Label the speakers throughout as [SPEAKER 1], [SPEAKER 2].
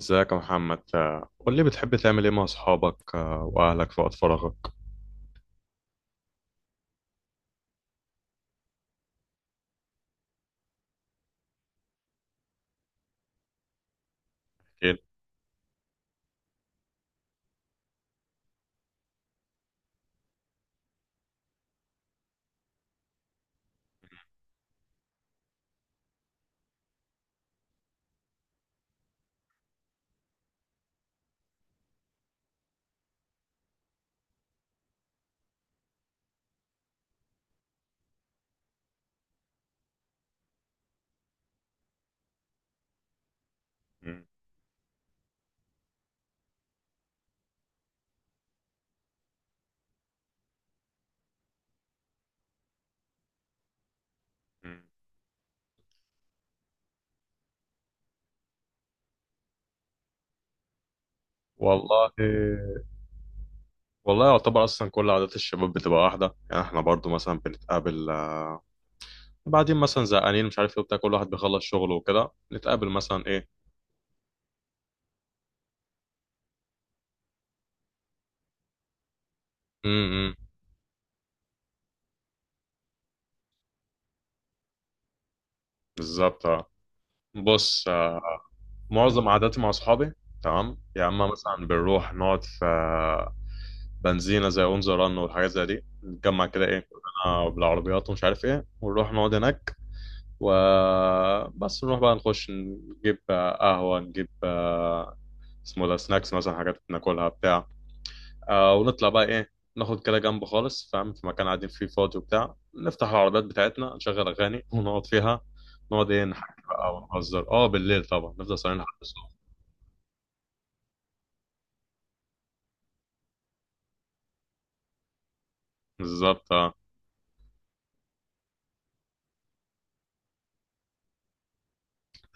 [SPEAKER 1] ازيك يا محمد، قول لي بتحب تعمل ايه مع اصحابك واهلك في وقت فراغك؟ اكيد. م- م. والله والله يعتبر اصلا كل عادات الشباب بتبقى واحده، يعني احنا برضو مثلا بنتقابل، بعدين مثلا زهقانين مش عارف ايه وبتاع، كل واحد بيخلص شغله وكده نتقابل مثلا ايه. امم بالظبط آه. بص، معظم عاداتي مع اصحابي تمام، يا اما مثلا بنروح نقعد في بنزينه زي اون ذا رن والحاجات زي دي، نتجمع كده ايه كلنا بالعربيات ومش عارف ايه ونروح نقعد هناك، وبس نروح بقى نخش نجيب قهوة، نجيب اسمه ده سناكس مثلا، حاجات ناكلها بتاع. ونطلع بقى ايه، ناخد كده جنب خالص فاهم، في مكان قاعدين فيه فاضي وبتاع، نفتح العربيات بتاعتنا نشغل أغاني ونقعد فيها، نقعد ايه نحكي بقى ونهزر بالليل، طبعا نفضل صايمين لحد الصبح. بالظبط اه.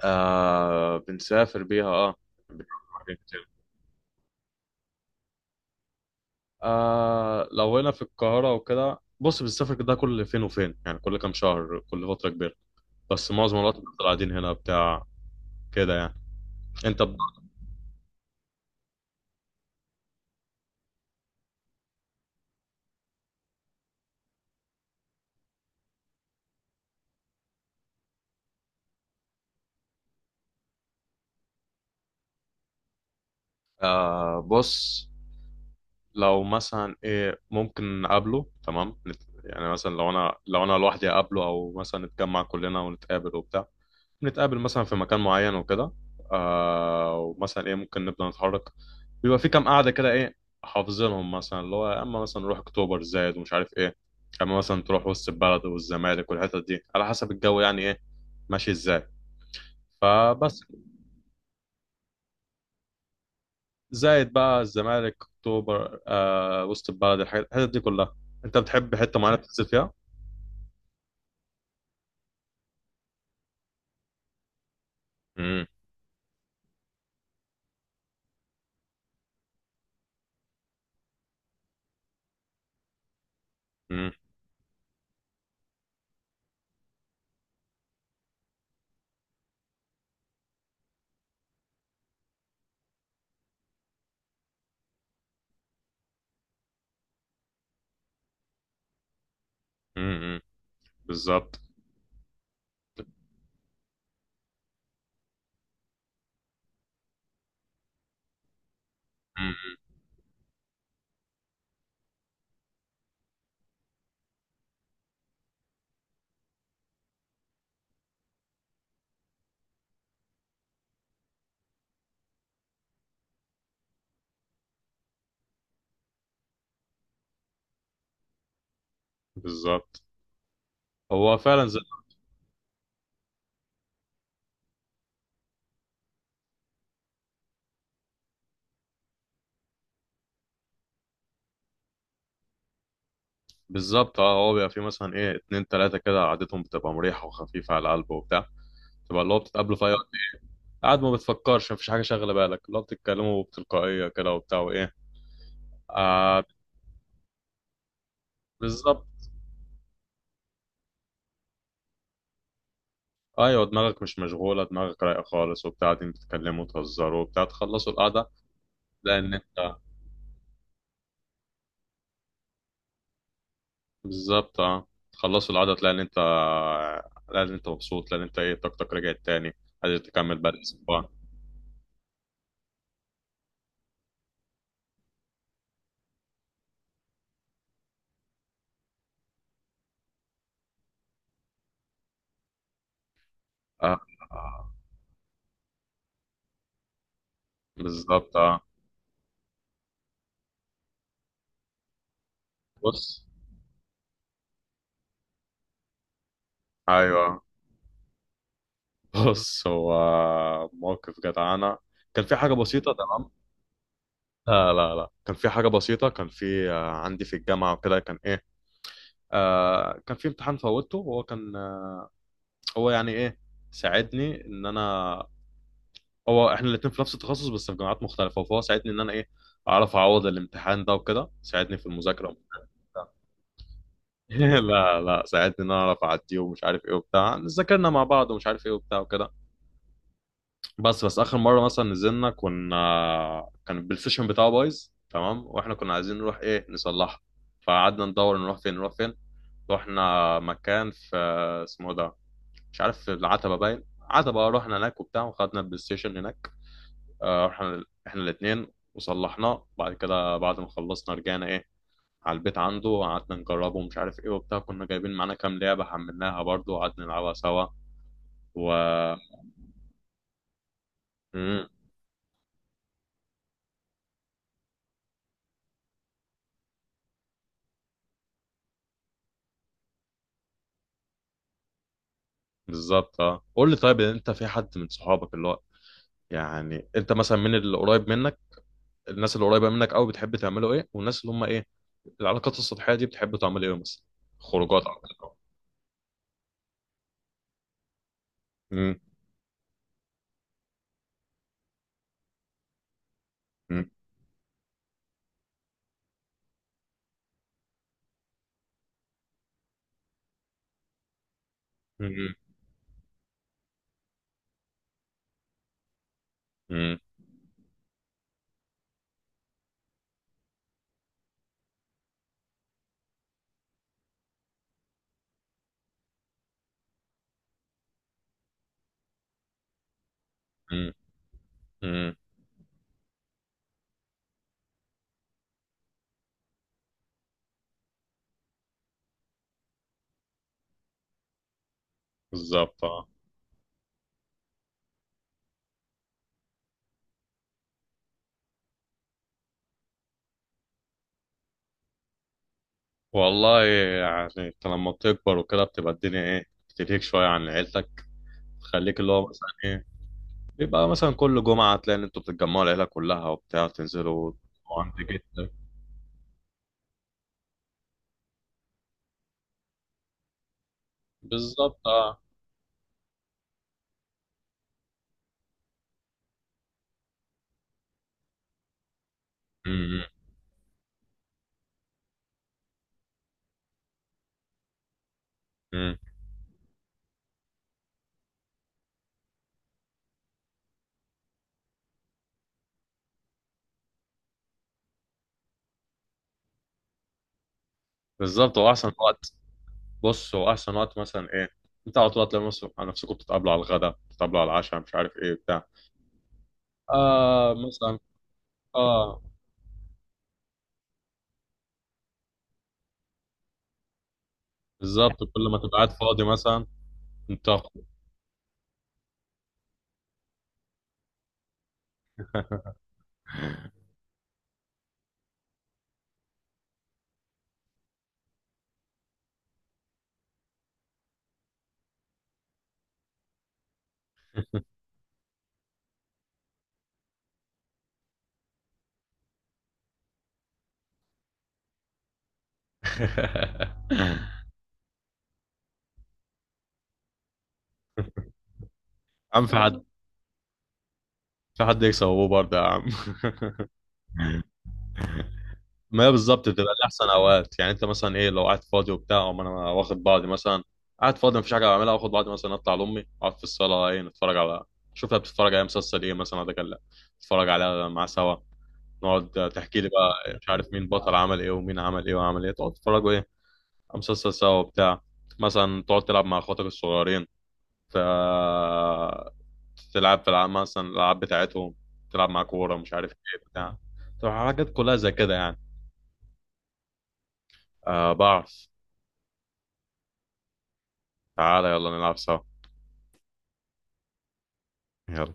[SPEAKER 1] بنسافر بيها اه. بنعمل كتير. لو هنا في القاهرة وكده بص بنسافر كده كل فين وفين، يعني كل كام شهر، كل فترة كبيرة. بس معظم الوقت بنفضل قاعدين هنا بتاع كده يعني. انت بص، لو مثلا ايه ممكن نقابله تمام، يعني مثلا لو انا لوحدي اقابله، او مثلا نتجمع كلنا ونتقابل وبتاع، نتقابل مثلا في مكان معين وكده. ومثلا ايه ممكن نبدأ نتحرك. بيبقى في كام قاعدة كده ايه حافظينهم، مثلا اللي هو يا اما مثلا نروح اكتوبر زايد ومش عارف ايه، يا اما مثلا تروح وسط البلد والزمالك والحتت دي، على حسب الجو يعني ايه ماشي ازاي. فبس. زائد بقى، الزمالك، اكتوبر، وسط البلد، الحاجات الحتت دي كلها. انت بتحب حته معينه تنزل فيها؟ امم. امم. امم. بالظبط. مم. بالظبط. هو فعلا زي. بالظبط اه، هو بيبقى فيه مثلا ايه اتنين تلاته كده قعدتهم بتبقى مريحه وخفيفه على القلب وبتاع، تبقى اللي هو بتتقابلوا في اي وقت، قاعد ما بتفكرش، مفيش حاجه شاغله بالك، اللي هو بتتكلموا بتلقائيه كده وبتاع وايه. آه. بالظبط. ايوه، دماغك مش مشغوله، دماغك رايقه خالص وبتاع، قاعدين بتتكلموا وتهزروا وبتاع تخلصوا القعده. لان انت. بالظبط اه، تخلصوا العدد، تلاقي ان انت مبسوط، تلاقي ان انت ايه طاقتك رجعت تاني، قادر تكمل باقي الاسبوع. اه. آه. بالظبط اه. بص. ايوه. بص هو موقف جدعانة، كان في حاجة بسيطة تمام. لا لا لا، كان في حاجة بسيطة، كان في عندي في الجامعة وكده كان إيه، كان في امتحان فوتته، وهو كان هو يعني إيه، ساعدني إن أنا، هو احنا الاتنين في نفس التخصص بس في جامعات مختلفه، فهو ساعدني ان انا ايه اعرف اعوض الامتحان ده، وكده ساعدني في المذاكره وبتاع. لا لا، ساعدني ان انا اعرف اعديه ومش عارف ايه وبتاع، ذاكرنا مع بعض ومش عارف ايه وبتاع وكده. بس بس اخر مره مثلا نزلنا، كنا كان البلاي ستيشن بتاعه بايظ تمام، واحنا كنا عايزين نروح ايه نصلحه، فقعدنا ندور نروح فين نروح فين. رحنا مكان في اسمه ده مش عارف، في العتبه باين، عتبه، رحنا هناك وبتاع وخدنا البلاي ستيشن هناك، رحنا احنا الاتنين وصلحناه، بعد كده بعد ما خلصنا رجعنا ايه على البيت عنده، وقعدنا نجربه ومش عارف ايه وبتاع، كنا جايبين معانا كام لعبة حملناها برضه وقعدنا نلعبها سوا و مم. بالظبط اه، قول لي طيب، انت في حد من صحابك اللي هو يعني انت مثلا من اللي قريب منك، الناس اللي قريبة منك قوي بتحب تعملوا ايه، والناس اللي هم ايه العلاقات السطحية دي بتحب تعمل ايه مثلا؟ خروجات أكتر. مم. مم. مم. مم. مم. مم. بالظبط اه. والله يعني انت لما بتكبر وكده بتبقى الدنيا ايه بتلهيك شويه عن عيلتك، تخليك اللي هو مثلا ايه بيبقى مثلا كل جمعه تلاقي ان انتوا بتتجمعوا العيله كلها وبتاع تنزلوا عند جدك. بالظبط اه. امم. امم. بالظبط، هو احسن وقت. بص هو احسن وقت مثلا ايه انت على طول هتلاقي نفسكم بتتقابلوا على الغدا، بتتقابلوا على العشاء مش عارف ايه بتاع. اه مثلا. اه. بالظبط، كل ما تبقى قاعد فاضي مثلا. انت. عم، في حد عشان حد يكسب ابوه برضه يا عم؟ ما هي بالظبط بتبقى احسن اوقات، يعني انت مثلا ايه لو قاعد فاضي وبتاع أقوم انا واخد بعضي مثلا، قاعد فاضي مفيش حاجه اعملها واخد بعضي مثلا، اطلع لامي اقعد في الصاله ايه نتفرج على، شوفها بتتفرج على مسلسل ايه مثلا ده كان، نتفرج عليها مع سوا، نقعد تحكي لي بقى مش عارف مين بطل عمل ايه، ومين عمل ايه وعمل ايه، تقعد تتفرجوا ايه على مسلسل سوا وبتاع، مثلا تقعد تلعب مع اخواتك الصغيرين، ت... تلعب في العاب مثلا الالعاب بتاعتهم، تلعب مع كوره مش عارف ايه بتاع، تبقى حاجات كلها زي كده يعني. آه بعرف. تعالى يلا نلعب سوا. يلا.